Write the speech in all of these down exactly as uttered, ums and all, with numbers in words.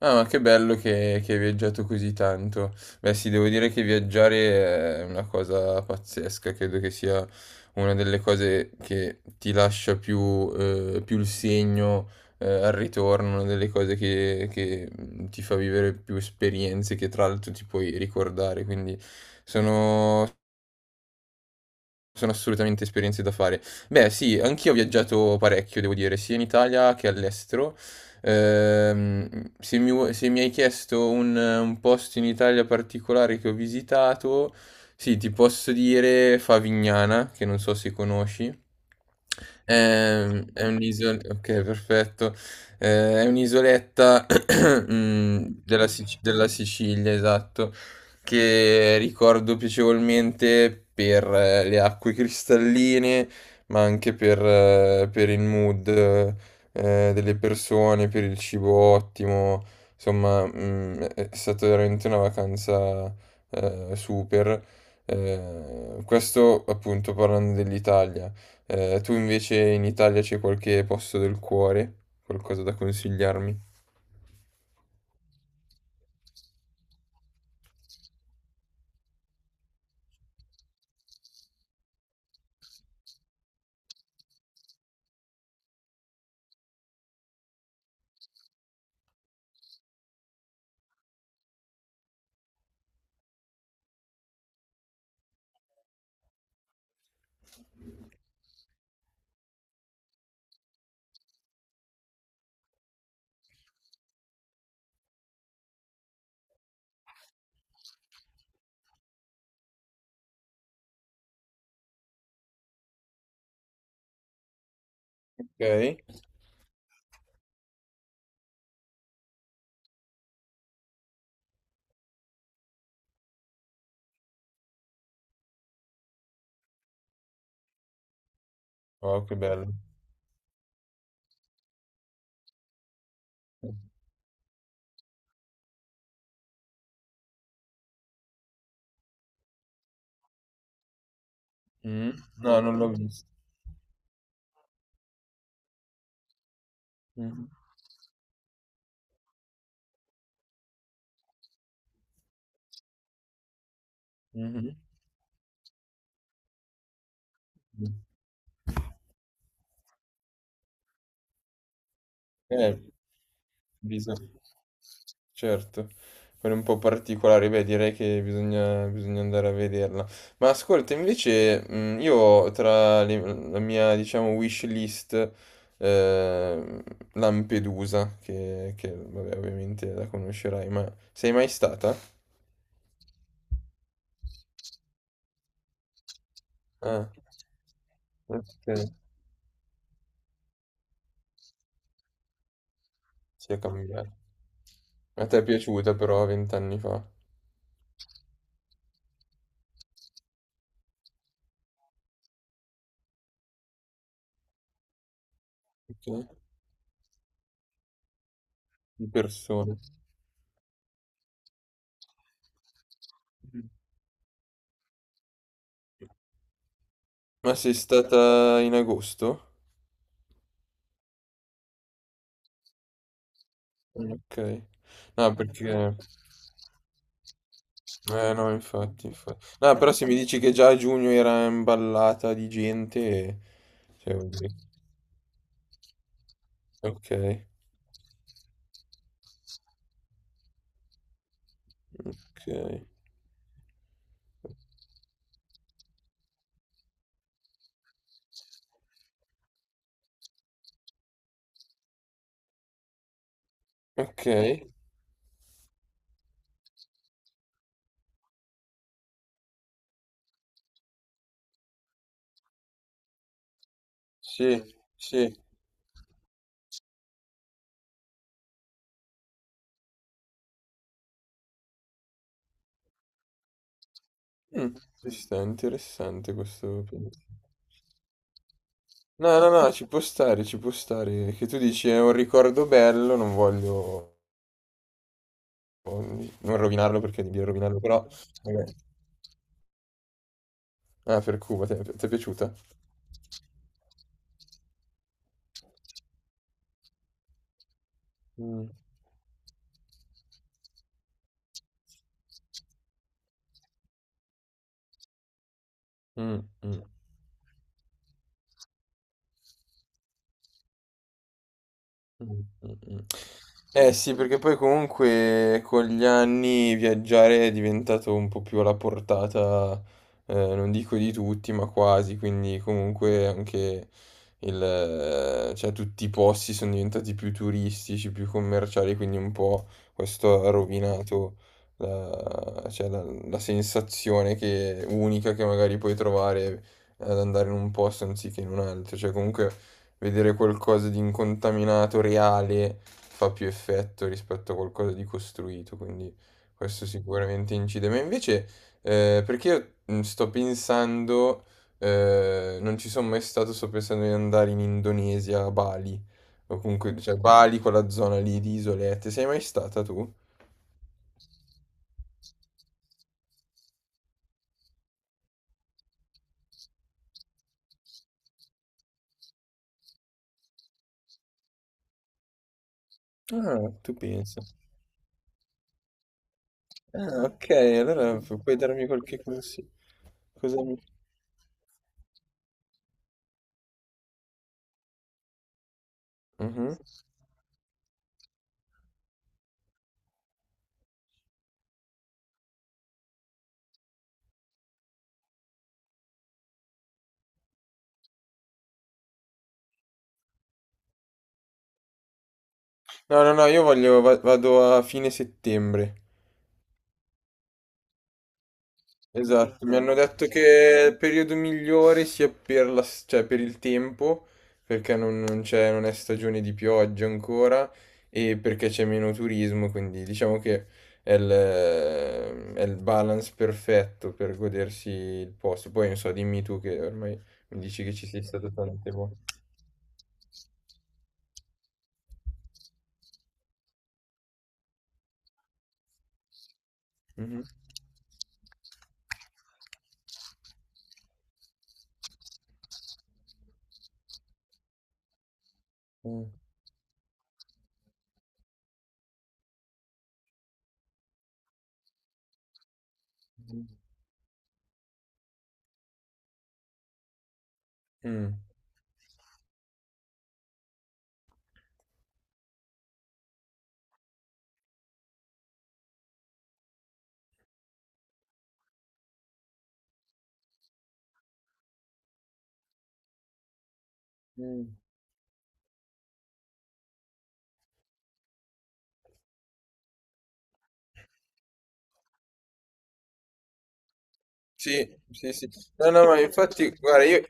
Ah, ma che bello che, che hai viaggiato così tanto. Beh, sì, devo dire che viaggiare è una cosa pazzesca, credo che sia una delle cose che ti lascia più, eh, più il segno, eh, al ritorno, una delle cose che, che, mm, ti fa vivere più esperienze che tra l'altro ti puoi ricordare, quindi sono sono assolutamente esperienze da fare. Beh, sì, anch'io ho viaggiato parecchio, devo dire, sia in Italia che all'estero. Ehm, se mi, vu- se mi hai chiesto un, un posto in Italia particolare che ho visitato, sì, ti posso dire Favignana, che non so se conosci. Ehm, È, un'isola, ok, perfetto. Eh, è un'isoletta mm, della, Sic- della Sicilia, esatto, che ricordo piacevolmente per eh, le acque cristalline, ma anche per, eh, per il mood eh, delle persone, per il cibo ottimo. Insomma, mm, è è stata veramente una vacanza eh, super. Eh, questo appunto parlando dell'Italia. Eh, tu invece in Italia c'è qualche posto del cuore? Qualcosa da consigliarmi? Ok. Oh, che bello. Mm? No, non l'ho visto. Mm. Mh-mh. Mh. Eh, bisa certo, quella è un po' particolare, beh direi che bisogna bisogna andare a vederla. Ma ascolta invece, mhmm, io tra le la mia diciamo wish list, ehm, Lampedusa, che che vabbè ovviamente la conoscerai, ma sei mai stata? Ah. Okay, si è cambiato. A te è piaciuta però venti anni fa? Okay, di persona. Ma sei stata in agosto? Mm. Ok. No, perché... Eh no, infatti, infatti. No, però se mi dici che già a giugno era imballata di gente... cioè, vuol dire- ok, ok. Ok, sì, sì. Mm, ci sta, interessante questo pensiero. No, no, no, ci può stare, ci può stare. Che tu dici è un ricordo bello, non voglio non rovinarlo perché devi rovinarlo, però... vabbè. Ah, per Cuba, ti è, ti è piaciuta? Mm, mm, mm. Mh, mh, mh. Eh sì, perché poi comunque con gli anni viaggiare è diventato un po' più alla portata, eh, non dico di tutti, ma quasi, quindi comunque anche il, eh, cioè tutti i posti sono diventati più turistici, più commerciali, quindi un po' questo ha rovinato la, cioè, la- la sensazione che- unica che magari puoi trovare ad andare in un posto anziché in un altro, cioè comunque vedere qualcosa di incontaminato, reale, fa più effetto rispetto a qualcosa di costruito, quindi questo sicuramente incide. Ma invece, eh, perché io mm, sto pensando, eh, non ci sono mai stato, sto pensando di andare in Indonesia, a Bali, o comunque, cioè Bali, quella zona lì di isolette. Sei mai stata tu? Ah, tu pensi. Ah, ok, allora pu- puoi darmi qualche consiglio. Cosa mi... Mhm. No, no, no, io voglio, va- vado a fine settembre. Esatto, mi hanno detto che il periodo migliore sia per la s- cioè, per il tempo, perché non, non c'è, non è stagione di pioggia ancora e perché c'è meno turismo, quindi diciamo che è il, è il balance perfetto per godersi il posto. Poi non so, dimmi tu che ormai mi dici che ci sei stato tante volte. Mhm. Mm. Mm. Mm. Sì, sì, sì. No, no, ma infatti, guarda, io,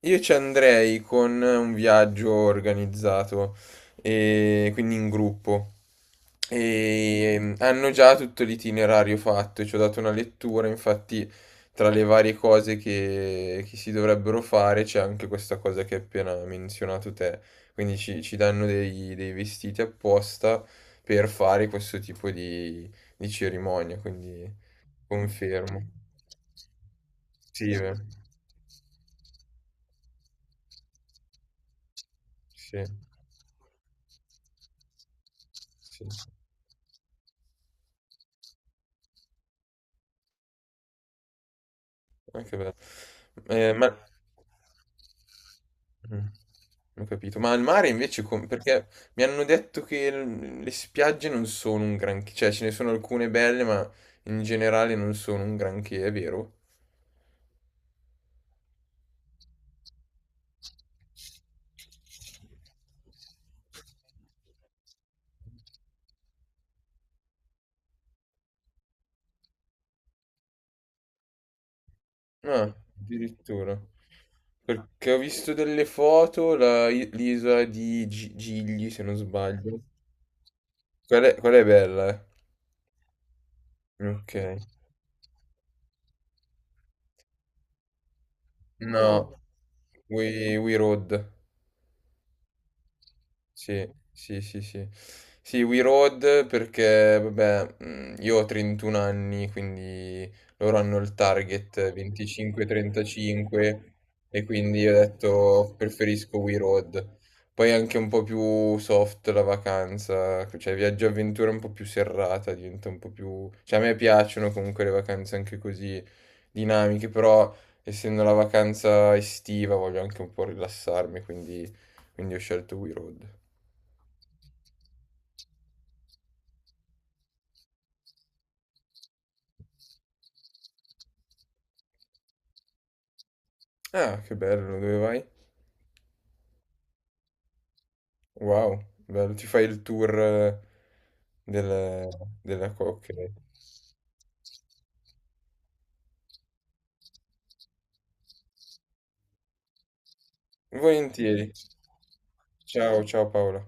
io ci andrei con un viaggio organizzato, e quindi in gruppo. E mm, hanno già tutto l'itinerario fatto, ci ho dato una lettura, infatti tra le varie cose che, che si dovrebbero fare c'è anche questa cosa che hai appena menzionato te. Quindi ci, ci danno dei, dei vestiti apposta per fare questo tipo di, di cerimonia, quindi confermo. Sì, eh. Sì, sì, sì, anche vero. Ehm, ma Mh, ho capito. Ma al mare invece com perché mi hanno detto che l le spiagge non sono un granché, cioè ce ne sono alcune belle, ma in generale non sono un granché, è vero? Ah, addirittura. Perché ho visto delle foto, la i l'isola di Gi Gigli, se non sbaglio. Quella è, quella è bella, eh. Ok. No, no, We, We Road. Sì, sì, sì, sì. Sì, We Road perché, vabbè, mh, io ho trentuno anni, quindi loro hanno il target venticinque a trentacinque e quindi ho detto preferisco We Road. Poi è anche un po' più soft la vacanza, cioè viaggio avventura un po' più serrata, diventa un po' più... Cioè a me piacciono comunque le vacanze anche così dinamiche, però essendo la vacanza estiva voglio anche un po' rilassarmi, quindi, quindi ho scelto We Road. Ah, che bello, dove vai? Wow, bello, ti fai il tour eh, della, della cocca. Volentieri. Ciao, ciao Paola.